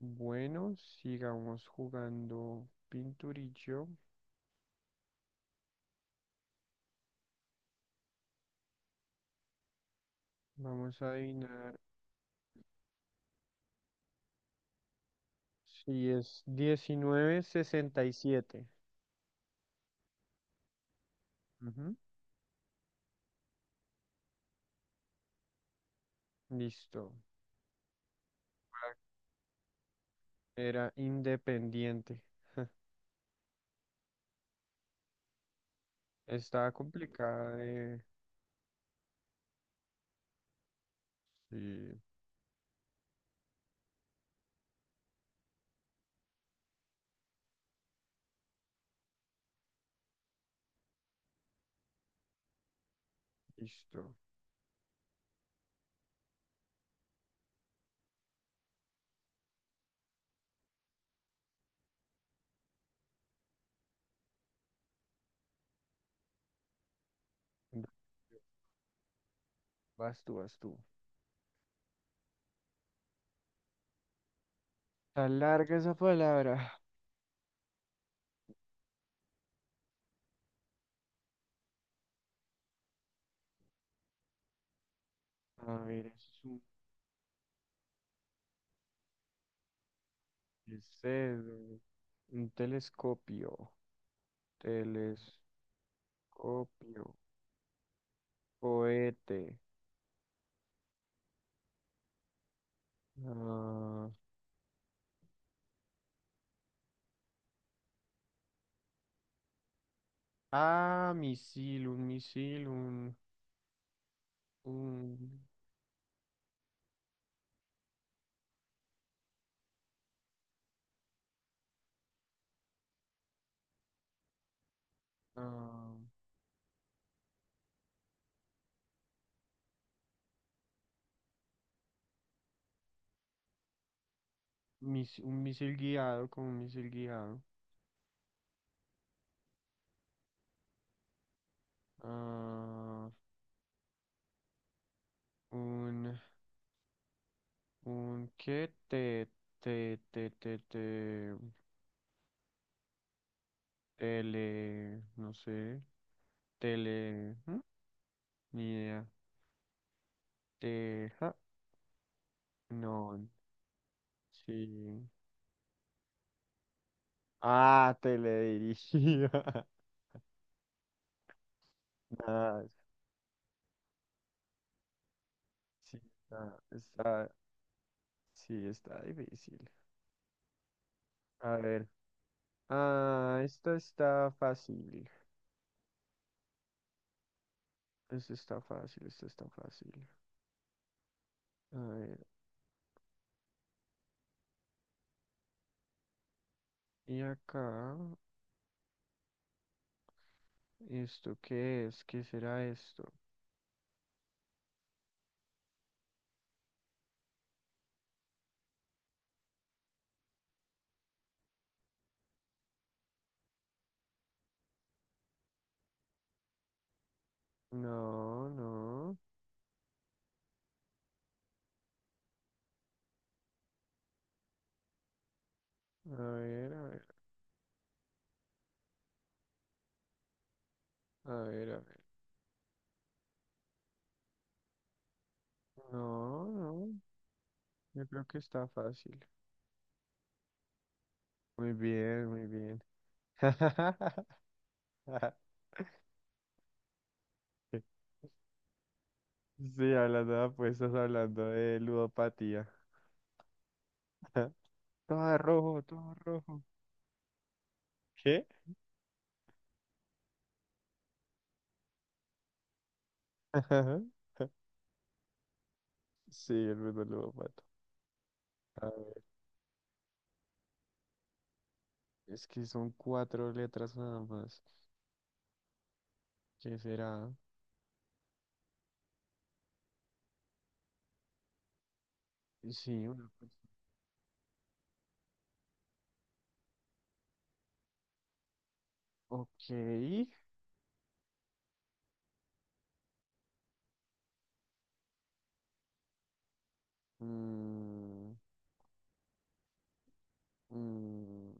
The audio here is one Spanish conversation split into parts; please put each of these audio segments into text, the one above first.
Bueno, sigamos jugando pinturillo. Vamos a adivinar si es 1967. Ujú. Listo. Era independiente. Estaba complicada de... Sí, listo. Vas tú. Está larga esa palabra. A ver, es un deseo, un telescopio, cohete. Ah, misil, un, ah, mis- un misil guiado, como un misil guiado. Ah, un, ¿Qué? Te, te, te, te, tele, no sé, tele, ¿hmm? Ni idea. Teja, no, sí. Ah, teledirigida. Nada, sí, sí, está difícil. A ver. Ah, esta está fácil. Esta está fácil. A ver, y acá, ¿esto qué es? ¿Qué será esto? No, no. A ver, a ver, a ver. No, no. Yo creo que está fácil. Muy bien, muy bien. Sí, hablando de apuestas, hablando de ludopatía. Todo rojo, todo rojo. ¿Qué? Sí, el mismo ludópata. A. Es que son cuatro letras nada más. ¿Qué será? Sí, una persona. Ok. Mm, mm,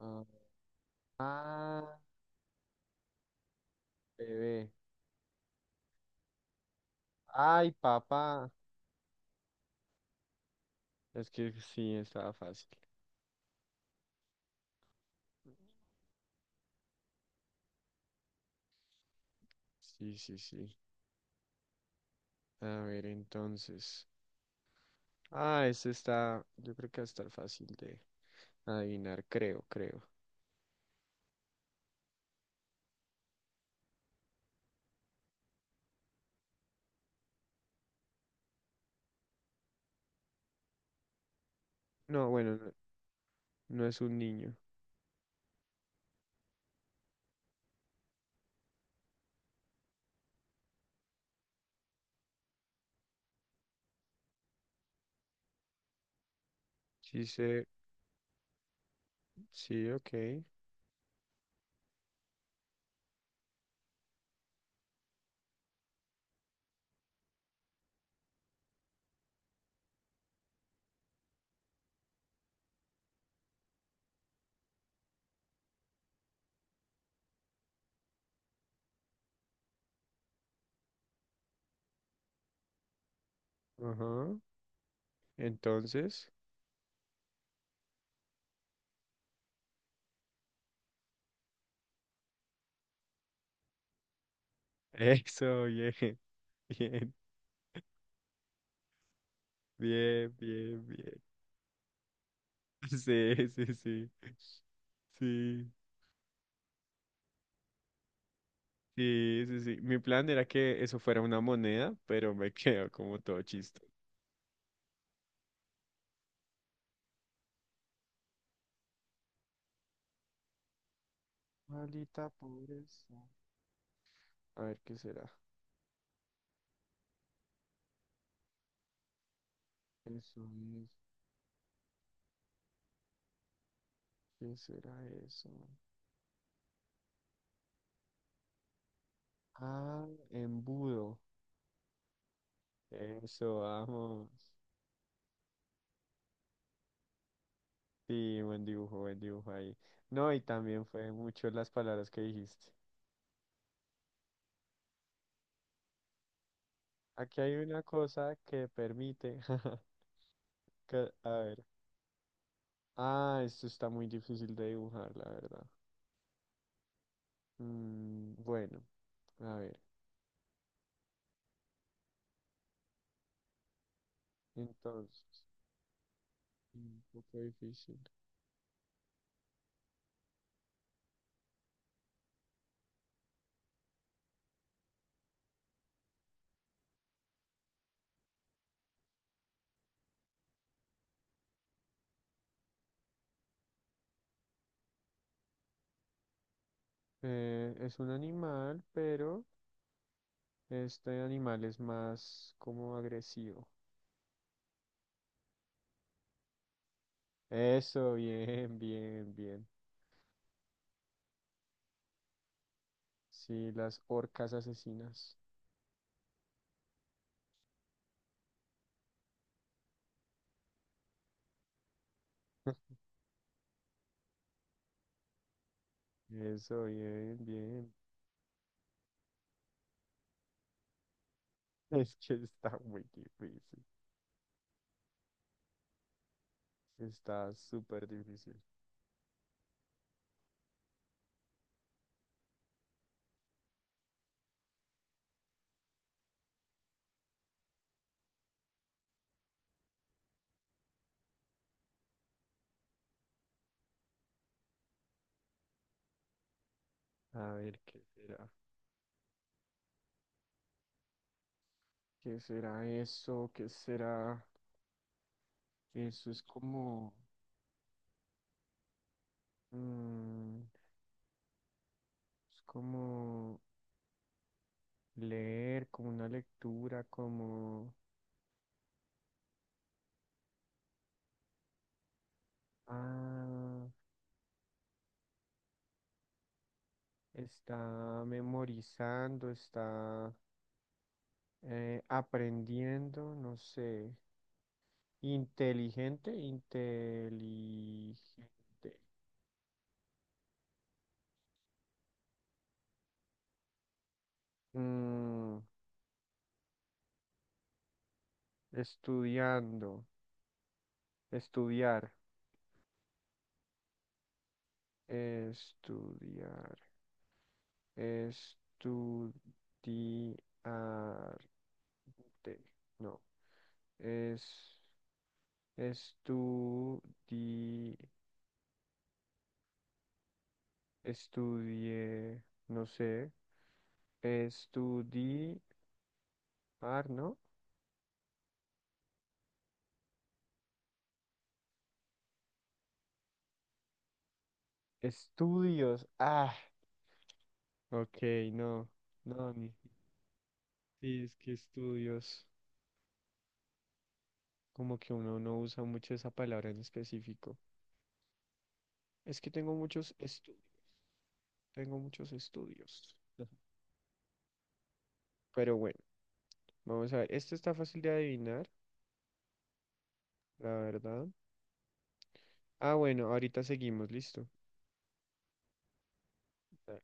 ah, ah, bebé. Ay, papá. Es que sí, estaba fácil. Sí, sí, sí. A ver, entonces. Ah, este está, yo creo que va a estar fácil de adivinar, creo, creo. No, bueno, no, no es un niño. Sí, sé, sí, ok. Ajá. Entonces, eso, bien. Bien, bien, bien, bien. Sí, sí, sí. Sí, sí, sí, sí. Mi plan era que eso fuera una moneda, pero me quedo como todo chiste. Maldita pobreza. A ver, ¿qué será? Eso es. ¿Qué será eso? Ah, embudo. Eso, vamos. Sí, buen dibujo ahí. No, y también fue mucho las palabras que dijiste. Aquí hay una cosa que permite. A ver. Ah, esto está muy difícil de dibujar, la verdad. Bueno, a ver, entonces, un poco difícil. Es un animal, pero este animal es más como agresivo. Eso, bien, bien, bien. Sí, las orcas asesinas. Eso, bien, bien. Es que está muy difícil. Está súper difícil. A ver, ¿qué será? ¿Qué será eso? ¿Qué será? Eso es como, mm, es como leer, como una lectura, como, ah, está memorizando, está aprendiendo, no sé, inteligente, inteligente, mm, estudiando, estudiar, estudiar, estudiar. Te- No, es estudi, estudie, no sé, estudiar, ¿no? Estudios, ah, ok, no, no, ni, sí, es que estudios, como que uno no usa mucho esa palabra en específico. Es que tengo muchos estudios, tengo muchos estudios. Ujú. Pero bueno, vamos a ver, este está fácil de adivinar, la verdad. Ah, bueno, ahorita seguimos, listo. Dale.